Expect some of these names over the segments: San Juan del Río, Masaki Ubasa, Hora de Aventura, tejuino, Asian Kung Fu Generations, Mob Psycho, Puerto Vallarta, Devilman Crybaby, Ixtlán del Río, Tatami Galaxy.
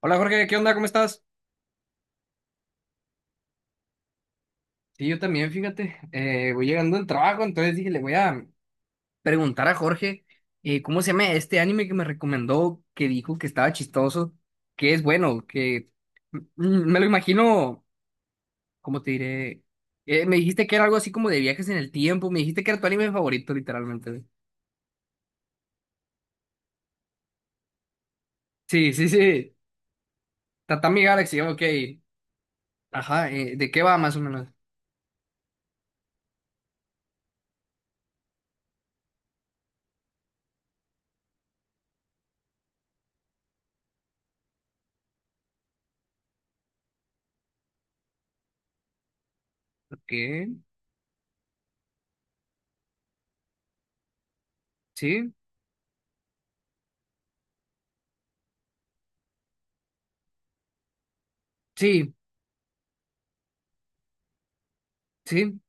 Hola Jorge, ¿qué onda? ¿Cómo estás? Sí, yo también, fíjate, voy llegando del trabajo, entonces dije, le voy a preguntar a Jorge cómo se llama este anime que me recomendó, que dijo que estaba chistoso, que es bueno, me lo imagino. ¿Cómo te diré? Me dijiste que era algo así como de viajes en el tiempo, me dijiste que era tu anime favorito, literalmente, güey. Sí, sí, sí, Tatami Galaxy, ok. Ajá, ¿de qué va más o menos? Ok, sí, sí, sí,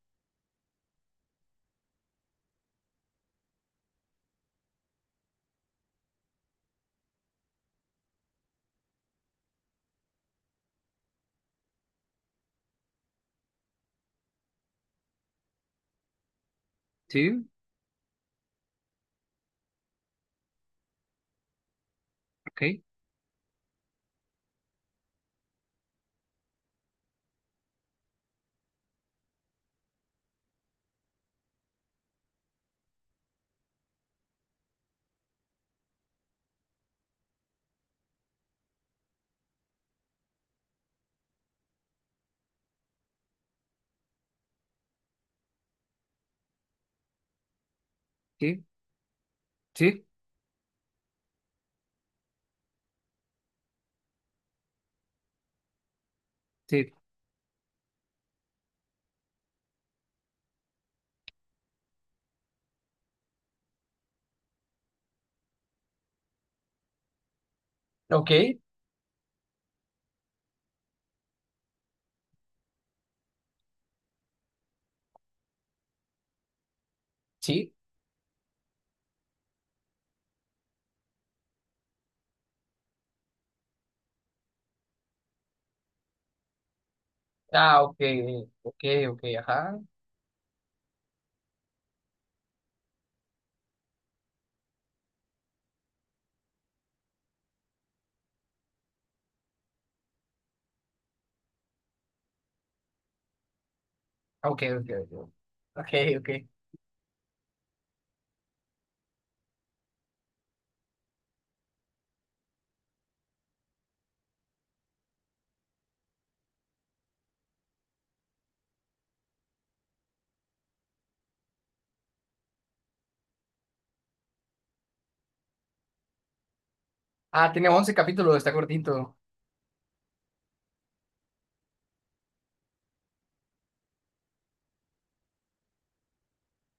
sí, ok, sí, sí. Sí. Ok, sí. Ah, ok, ok, ok, ajá. Ok, ok, ok. Ok, ok. Ah, tiene once capítulos, está cortito.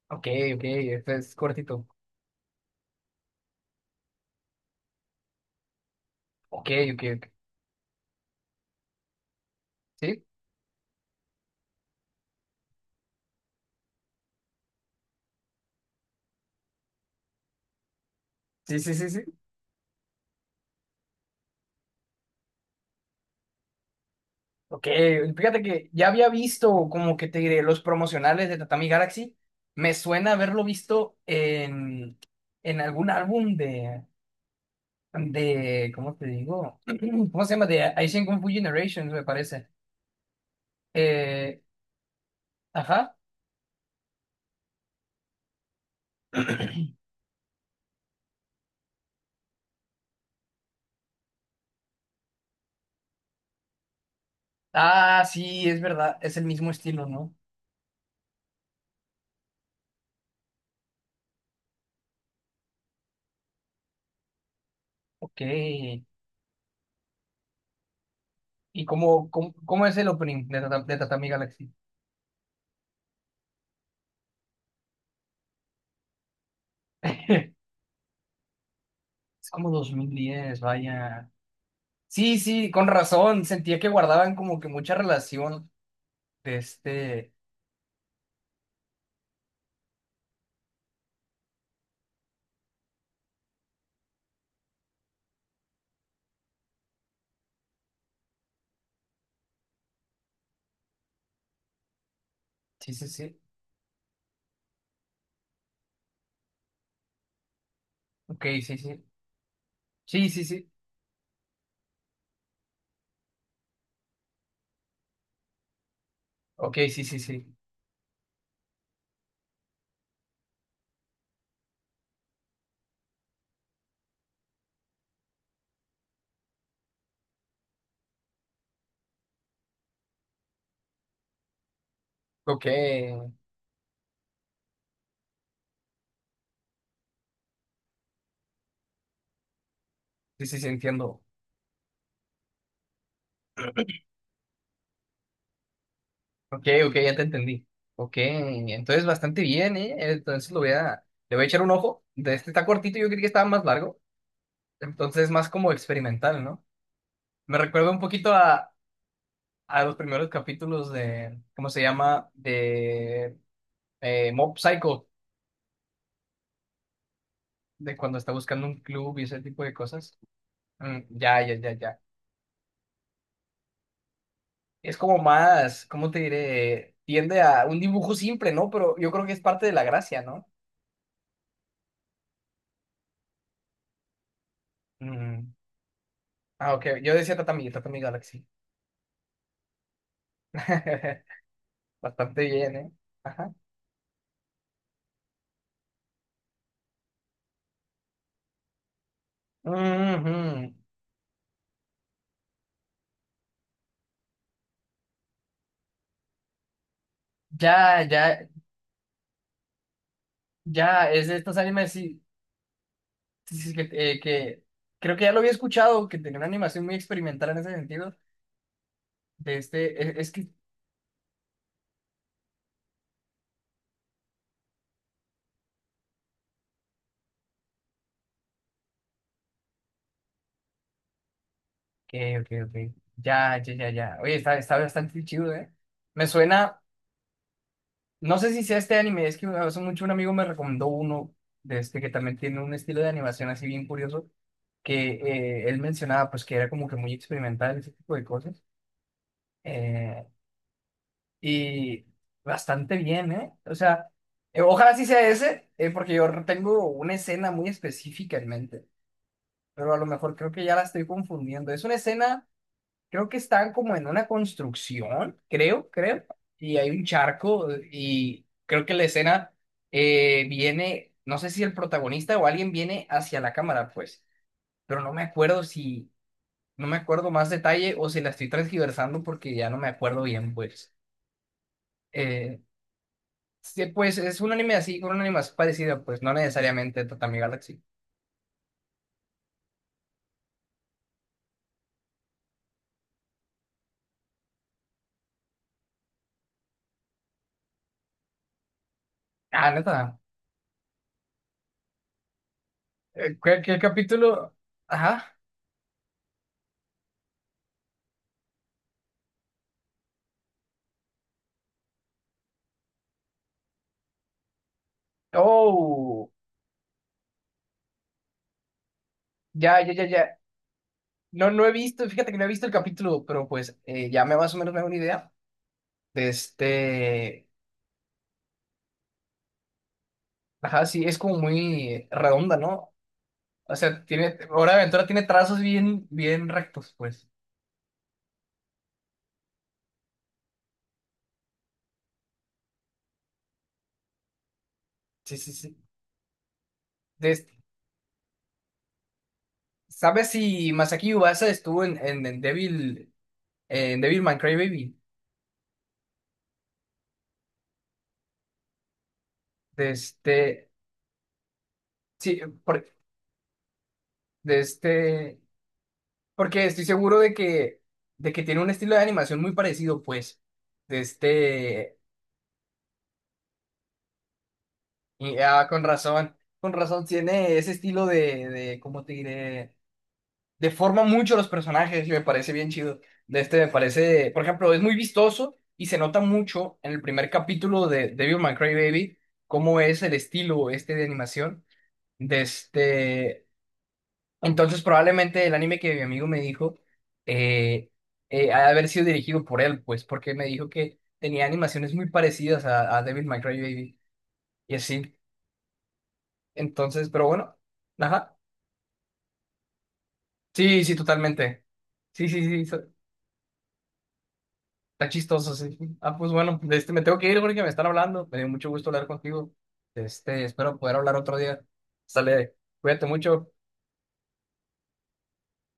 Ok, ok, este es cortito. Ok, ok, ok. ¿Sí? Sí, sí, sí, sí. Ok, fíjate que ya había visto, como que te diré, los promocionales de Tatami Galaxy. Me suena haberlo visto en algún álbum de, ¿cómo te digo? ¿Cómo se llama? De Asian Kung Fu Generations, me parece. Eh, ajá. Ah, sí, es verdad, es el mismo estilo, ¿no? Ok. ¿Y cómo es el opening de, de Tatami Galaxy? Es como 2010, vaya. Sí, sí, con razón, sentía que guardaban como que mucha relación de este. Sí, sí, sí. Ok, sí, sí. Sí, sí, sí. Ok, sí, sí, sí. Ok. Sí, sí, sí, entiendo. Ok, ok, ya te entendí. Ok, entonces bastante bien, ¿eh? Entonces lo voy a, le voy a echar un ojo. De este está cortito, yo creí que estaba más largo. Entonces es más como experimental, ¿no? Me recuerda un poquito a los primeros capítulos de, ¿cómo se llama? De Mob Psycho, de cuando está buscando un club y ese tipo de cosas. Mm, ya, ya, ya, ya. Es como más, ¿cómo te diré? Tiende a un dibujo simple, ¿no? Pero yo creo que es parte de la gracia, ¿no? Mm. Ah, ok. Yo decía Tatami, Tatami Galaxy. Bastante bien, ¿eh? Ajá. Ujú. Ya, ya, ya, es de estos animes, sí, sí, sí, que creo que ya lo había escuchado, que tenía una animación muy experimental en ese sentido. De este, ok, ok, ok. Ya, ya, ya, ya. Oye, está bastante chido, ¿eh? Me suena, no sé si sea este anime, es que hace mucho un amigo me recomendó uno de este que también tiene un estilo de animación así bien curioso, que él mencionaba pues que era como que muy experimental, ese tipo de cosas. eh, Y bastante bien, ¿eh? O sea, ojalá sí sea ese, porque yo tengo una escena muy específica en mente, pero a lo mejor creo que ya la estoy confundiendo. Es una escena, creo que están como en una construcción, creo, creo, y hay un charco y creo que la escena viene, no sé si el protagonista o alguien viene hacia la cámara, pues, pero no me acuerdo si, no me acuerdo más detalle o si la estoy transgiversando porque ya no me acuerdo bien, pues. Eh, Sí, pues es un anime así, con un anime así parecido, pues no necesariamente Tatami Galaxy. Ah, neta. ¿Qué, qué capítulo? Ajá. Oh, ya, ya, ya, ya. No, no he visto, fíjate que no he visto el capítulo, pero pues ya me más o menos me hago una idea. De este. Ajá, sí, es como muy redonda, ¿no? O sea, tiene. Hora de Aventura tiene trazos bien, bien rectos, pues. Sí, sí, sí. De este, ¿sabes si Masaki Ubasa estuvo en, en Devil, en Devilman Crybaby? De este. Sí, por- de este, porque estoy seguro de que tiene un estilo de animación muy parecido, pues, de este, y, ah, con razón tiene ese estilo de, ¿cómo te diré? Deforma mucho los personajes y me parece bien chido. De este, me parece, por ejemplo, es muy vistoso y se nota mucho en el primer capítulo de Devil May Cry Baby cómo es el estilo este de animación. De este, entonces, probablemente el anime que mi amigo me dijo eh, ha de haber sido dirigido por él, pues, porque me dijo que tenía animaciones muy parecidas a Devil May Cry Baby y así. Entonces, pero bueno, ajá. Sí, sí, totalmente. Sí, sí, sí, so- está chistoso, sí. Ah, pues bueno, de este, me tengo que ir porque me están hablando. Me dio mucho gusto hablar contigo. Este, espero poder hablar otro día. Sale, cuídate mucho.